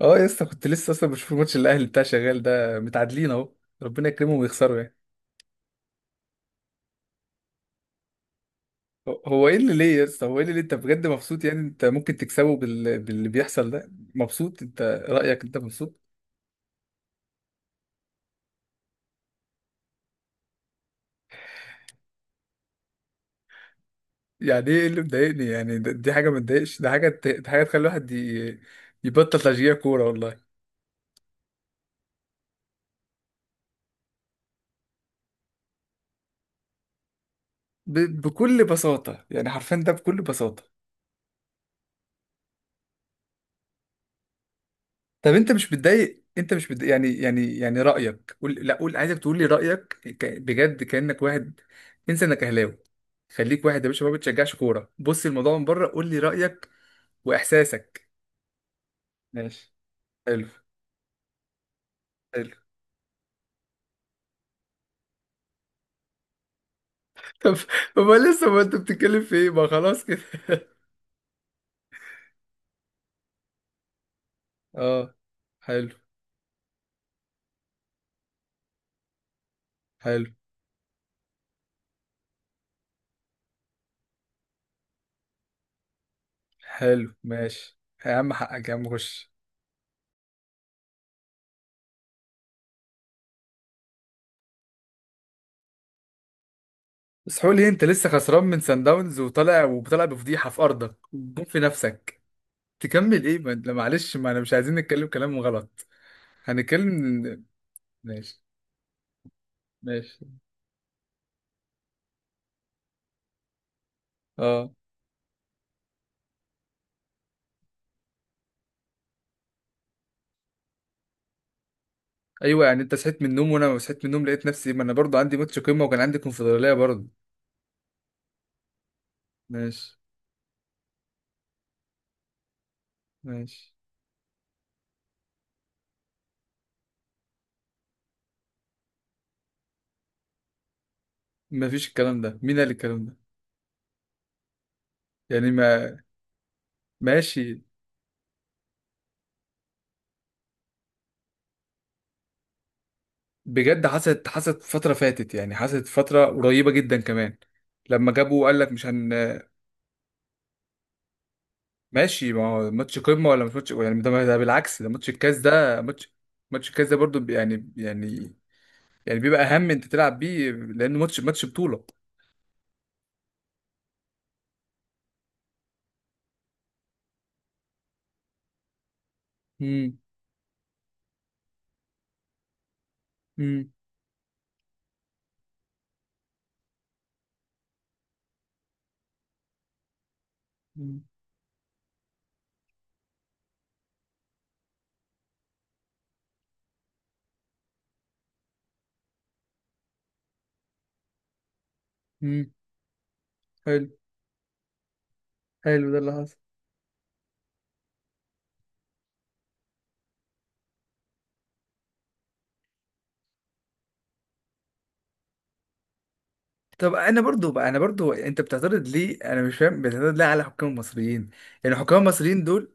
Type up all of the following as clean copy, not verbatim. اه، يا اسطى، كنت لسه اصلا بشوف الماتش. الاهلي بتاع شغال ده متعادلين اهو. ربنا يكرمهم ويخسروا يعني. هو ايه اللي ليه يا اسطى، هو ايه اللي ليه؟ انت بجد مبسوط؟ يعني انت ممكن تكسبه باللي بيحصل ده؟ مبسوط انت؟ رايك؟ انت مبسوط؟ يعني ايه اللي مضايقني؟ يعني دي حاجه ما تضايقش، دي حاجه تخلي الواحد يبطل تشجيع كوره والله. بكل بساطه، يعني حرفيا ده بكل بساطه. طب انت مش متضايق؟ انت مش متضايق؟ يعني رايك، قول، لا قول، عايزك تقول لي رايك. بجد كانك واحد، انسى انك اهلاوي، خليك واحد يا باشا ما بتشجعش كوره، بص الموضوع من بره، قول لي رايك واحساسك. ماشي، حلو، حلو. طب ما لسه، ما انت بتتكلم في ايه؟ ما خلاص كده. اه، حلو، حلو، حلو، ماشي. يا عم حقك يا عم، خش. بس قول لي، انت لسه خسران من سان داونز وطالع وطالع بفضيحه في ارضك وبتجيب في نفسك؟ تكمل ايه؟ ما انت معلش، ما انا مش عايزين نتكلم كلام غلط. هنتكلم. ماشي، ماشي، اه. ايوه، يعني انت صحيت من النوم وانا ما صحيت من النوم؟ لقيت نفسي، ما انا برضو عندي ماتش قمه وكان عندي كونفدراليه برضو. ماشي، ماشي. ما فيش الكلام ده، مين قال الكلام ده؟ يعني ما... ماشي. بجد حصلت فتره فاتت، يعني حصلت فتره قريبه جدا كمان، لما جابوا قال لك مش هن... ماشي. ما هو ماتش قمه ولا مش ماتش؟ يعني ده بالعكس، ده ماتش الكاس، ده ماتش، ماتش الكاس ده برضو، يعني، يعني يعني بيبقى اهم انت تلعب بيه لانه ماتش بطولة. امم. امم. امم. حلو، حلو، ده اللي حصل. طب انا برضو بقى، انا برضو، انت بتعترض ليه؟ انا مش فاهم، بتعترض ليه على حكام المصريين؟ يعني حكام المصريين دول...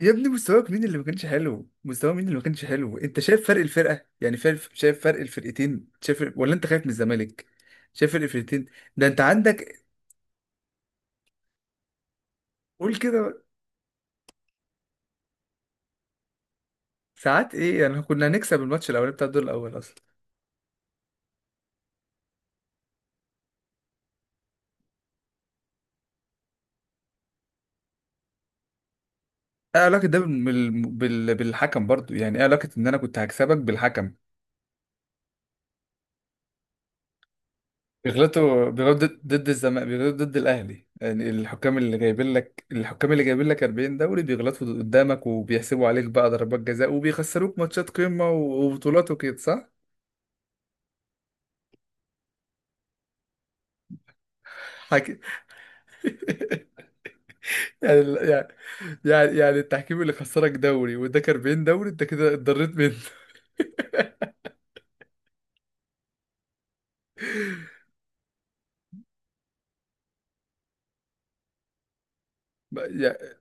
يا ابني مستواك مين اللي ما كانش حلو؟ مستوى مين اللي ما كانش حلو؟ انت شايف فرق الفرقه، يعني شايف فرق الفرقتين؟ شايف، ولا انت خايف من الزمالك؟ شايف فرق الفرقتين؟ ده انت عندك... قول كده. ساعات ايه يعني؟ كنا هنكسب الماتش الاولاني بتاع الدور الاول اصلا. ايه علاقة ده بالحكم برضو؟ يعني ايه علاقة ان انا كنت هكسبك بالحكم؟ بيغلطوا ضد الزمالك، بيغلطوا ضد الاهلي؟ يعني الحكام اللي جايبين لك 40 دوري، بيغلطوا قدامك وبيحسبوا عليك بقى ضربات جزاء وبيخسروك ماتشات قمة وبطولات وكده، صح؟ حكي... يعني يعني يعني التحكيم اللي خسرك دوري واداك 40 دوري انت كده اتضريت منه؟ يعني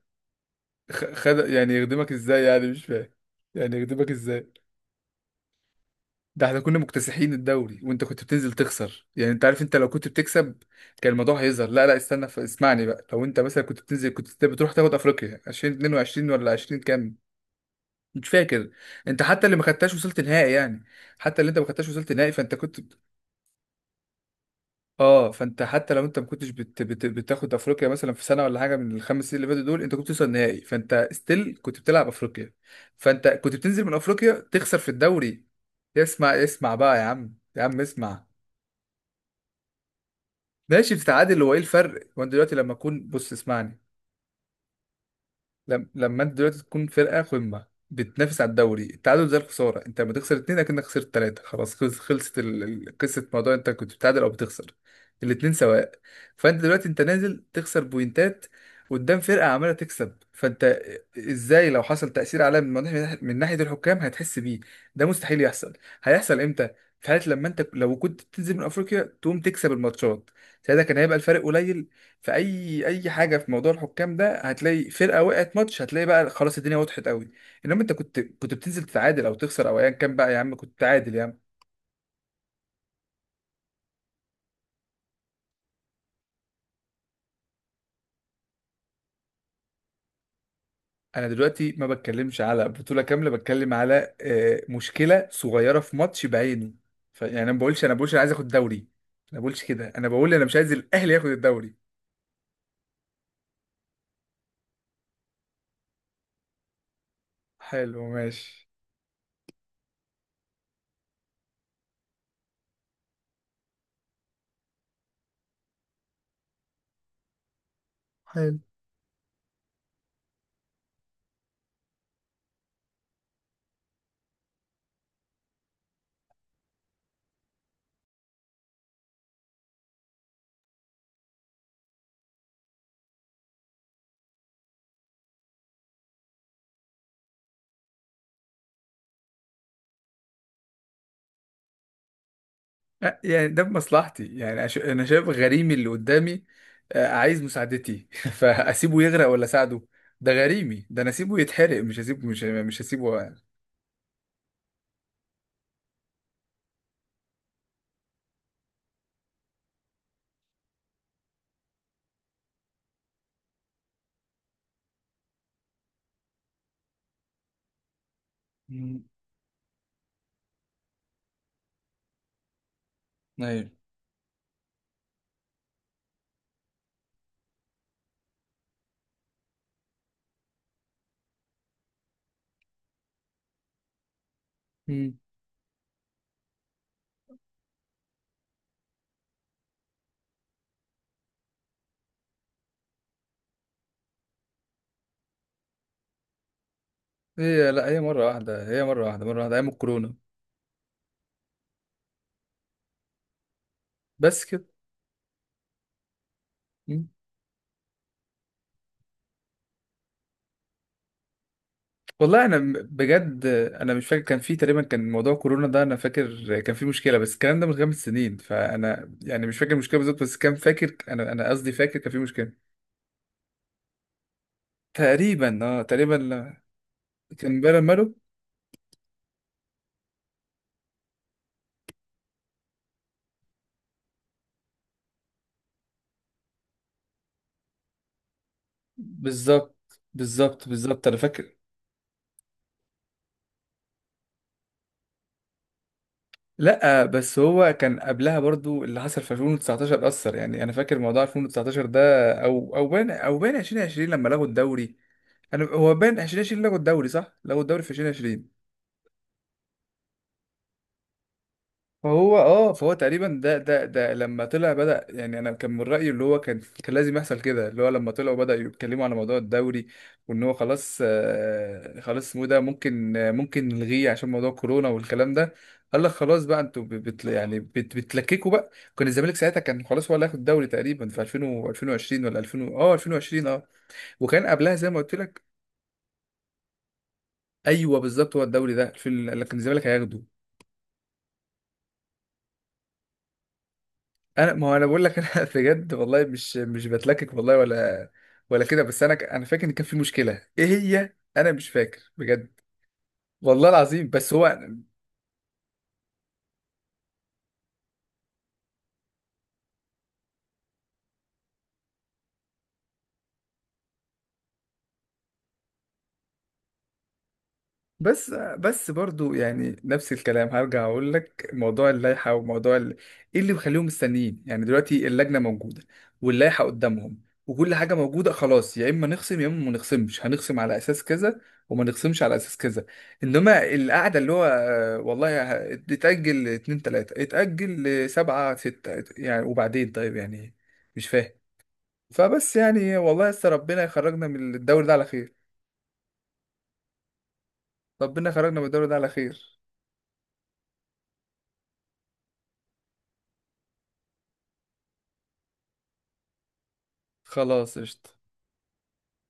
خد، يعني يخدمك ازاي؟ يعني مش فاهم، يعني يخدمك ازاي؟ ده احنا كنا مكتسحين الدوري وانت كنت بتنزل تخسر، يعني انت عارف انت لو كنت بتكسب كان الموضوع هيظهر. لا لا، استنى، اسمعني بقى. لو انت مثلا كنت بتنزل كنت بتروح تاخد افريقيا 2022 ولا 20 كام، مش فاكر. انت حتى اللي ما خدتهاش وصلت نهائي يعني، حتى اللي انت ما خدتهاش وصلت نهائي، فانت كنت... اه، فانت حتى لو انت ما كنتش بتاخد افريقيا مثلا في سنه ولا حاجه من ال 5 سنين اللي فاتوا دول، انت كنت بتوصل نهائي، فانت ستيل كنت بتلعب افريقيا. فانت كنت بتنزل من افريقيا تخسر في الدوري. اسمع اسمع بقى يا عم، يا عم اسمع. ماشي، بتتعادل، هو ايه الفرق؟ هو انت دلوقتي لما اكون... بص، اسمعني. لم... لما انت دلوقتي تكون فرقه قمه بتنافس على الدوري، التعادل زي الخساره. انت لما تخسر اتنين اكنك خسرت تلاته. خلاص، خلصت قصه موضوع انت كنت بتتعادل او بتخسر، الاتنين سواء. فانت دلوقتي انت نازل تخسر بوينتات قدام فرقه عماله تكسب، فانت ازاي لو حصل تاثير عليها من ناحية الحكام، هتحس بيه؟ ده مستحيل يحصل. هيحصل امتى؟ في حالة لما انت لو كنت بتنزل من افريقيا تقوم تكسب الماتشات، ساعتها كان هيبقى الفرق قليل. في اي، اي حاجه في موضوع الحكام ده، هتلاقي فرقه وقعت ماتش، هتلاقي بقى خلاص الدنيا وضحت قوي. انما انت كنت بتنزل تتعادل او تخسر، او ايا كان بقى يا عم، كنت تعادل يا عم. انا دلوقتي ما بتكلمش على بطوله كامله، بتكلم على مشكله صغيره في ماتش بعينه. يعني انا ما بقولش، انا بقولش انا عايز اخد دوري. انا ما بقولش كده، انا بقول انا مش عايز الاهلي ياخد الدوري. حلو ماشي. يعني ده بمصلحتي؟ يعني انا شايف غريمي اللي قدامي عايز مساعدتي، فاسيبه يغرق ولا اساعده؟ ده غريمي، ده انا اسيبه يتحرق، مش هسيبه، مش هسيبه يعني. مم. ايوه. مم. هي، لا، هي مرة واحدة مرة واحدة، أيام الكورونا، بس كده. مم. والله أنا بجد، أنا مش فاكر، كان في تقريبا كان موضوع كورونا ده، أنا فاكر كان في مشكلة، بس الكلام ده من 5 سنين فأنا يعني مش فاكر المشكلة بالظبط. بس كان فاكر، أنا قصدي فاكر كان في مشكلة. تقريبا أه، تقريبا. كان بالون مالو. بالظبط، بالظبط، بالظبط، انا فاكر. لا، بس هو كان قبلها برضو، اللي حصل في 2019 اثر، يعني انا فاكر موضوع 2019 ده، او بان 2020 لما لغوا الدوري. انا، هو بان 2020 لغوا الدوري، صح؟ لغوا الدوري في 2020. فهو اه، فهو تقريبا ده لما طلع بدأ، يعني انا كان من رأيي اللي هو كان لازم يحصل كده، اللي هو لما طلعوا بدأوا يتكلموا على موضوع الدوري، وان هو خلاص، خلاص اسمه إيه ده، ممكن، ممكن نلغيه عشان موضوع كورونا والكلام ده. قال لك خلاص بقى، انتوا بت بت- يعني بت بتلككوا بقى. كان الزمالك ساعتها كان خلاص هو اللي هياخد الدوري، تقريبا في 2000 و 2020، ولا 2000 2020 اه، وكان قبلها زي ما قلت لك. ايوه بالظبط، هو الدوري ده في لكن الزمالك هياخده. انا، ما هو انا بقول لك، انا بجد والله، مش بتلكك والله، ولا كده. بس انا انا فاكر ان كان في مشكله، ايه هي انا مش فاكر بجد، والله العظيم. بس هو، بس، برضو يعني نفس الكلام هرجع اقول لك، موضوع اللائحه وموضوع ال... ايه اللي بيخليهم مستنيين؟ يعني دلوقتي اللجنه موجوده، واللائحه قدامهم، وكل حاجه موجوده، خلاص يا اما نخصم يا اما ما نخصمش. هنخصم على اساس كذا، وما نخصمش على اساس كذا. انما القعده اللي هو، والله اتاجل اتنين تلاته، اتاجل سبعه سته، يعني وبعدين طيب يعني، مش فاهم. فبس يعني والله لسه، ربنا يخرجنا من الدور ده على خير. ربنا يخرجنا من الدور ده على خير. خلاص قشطة.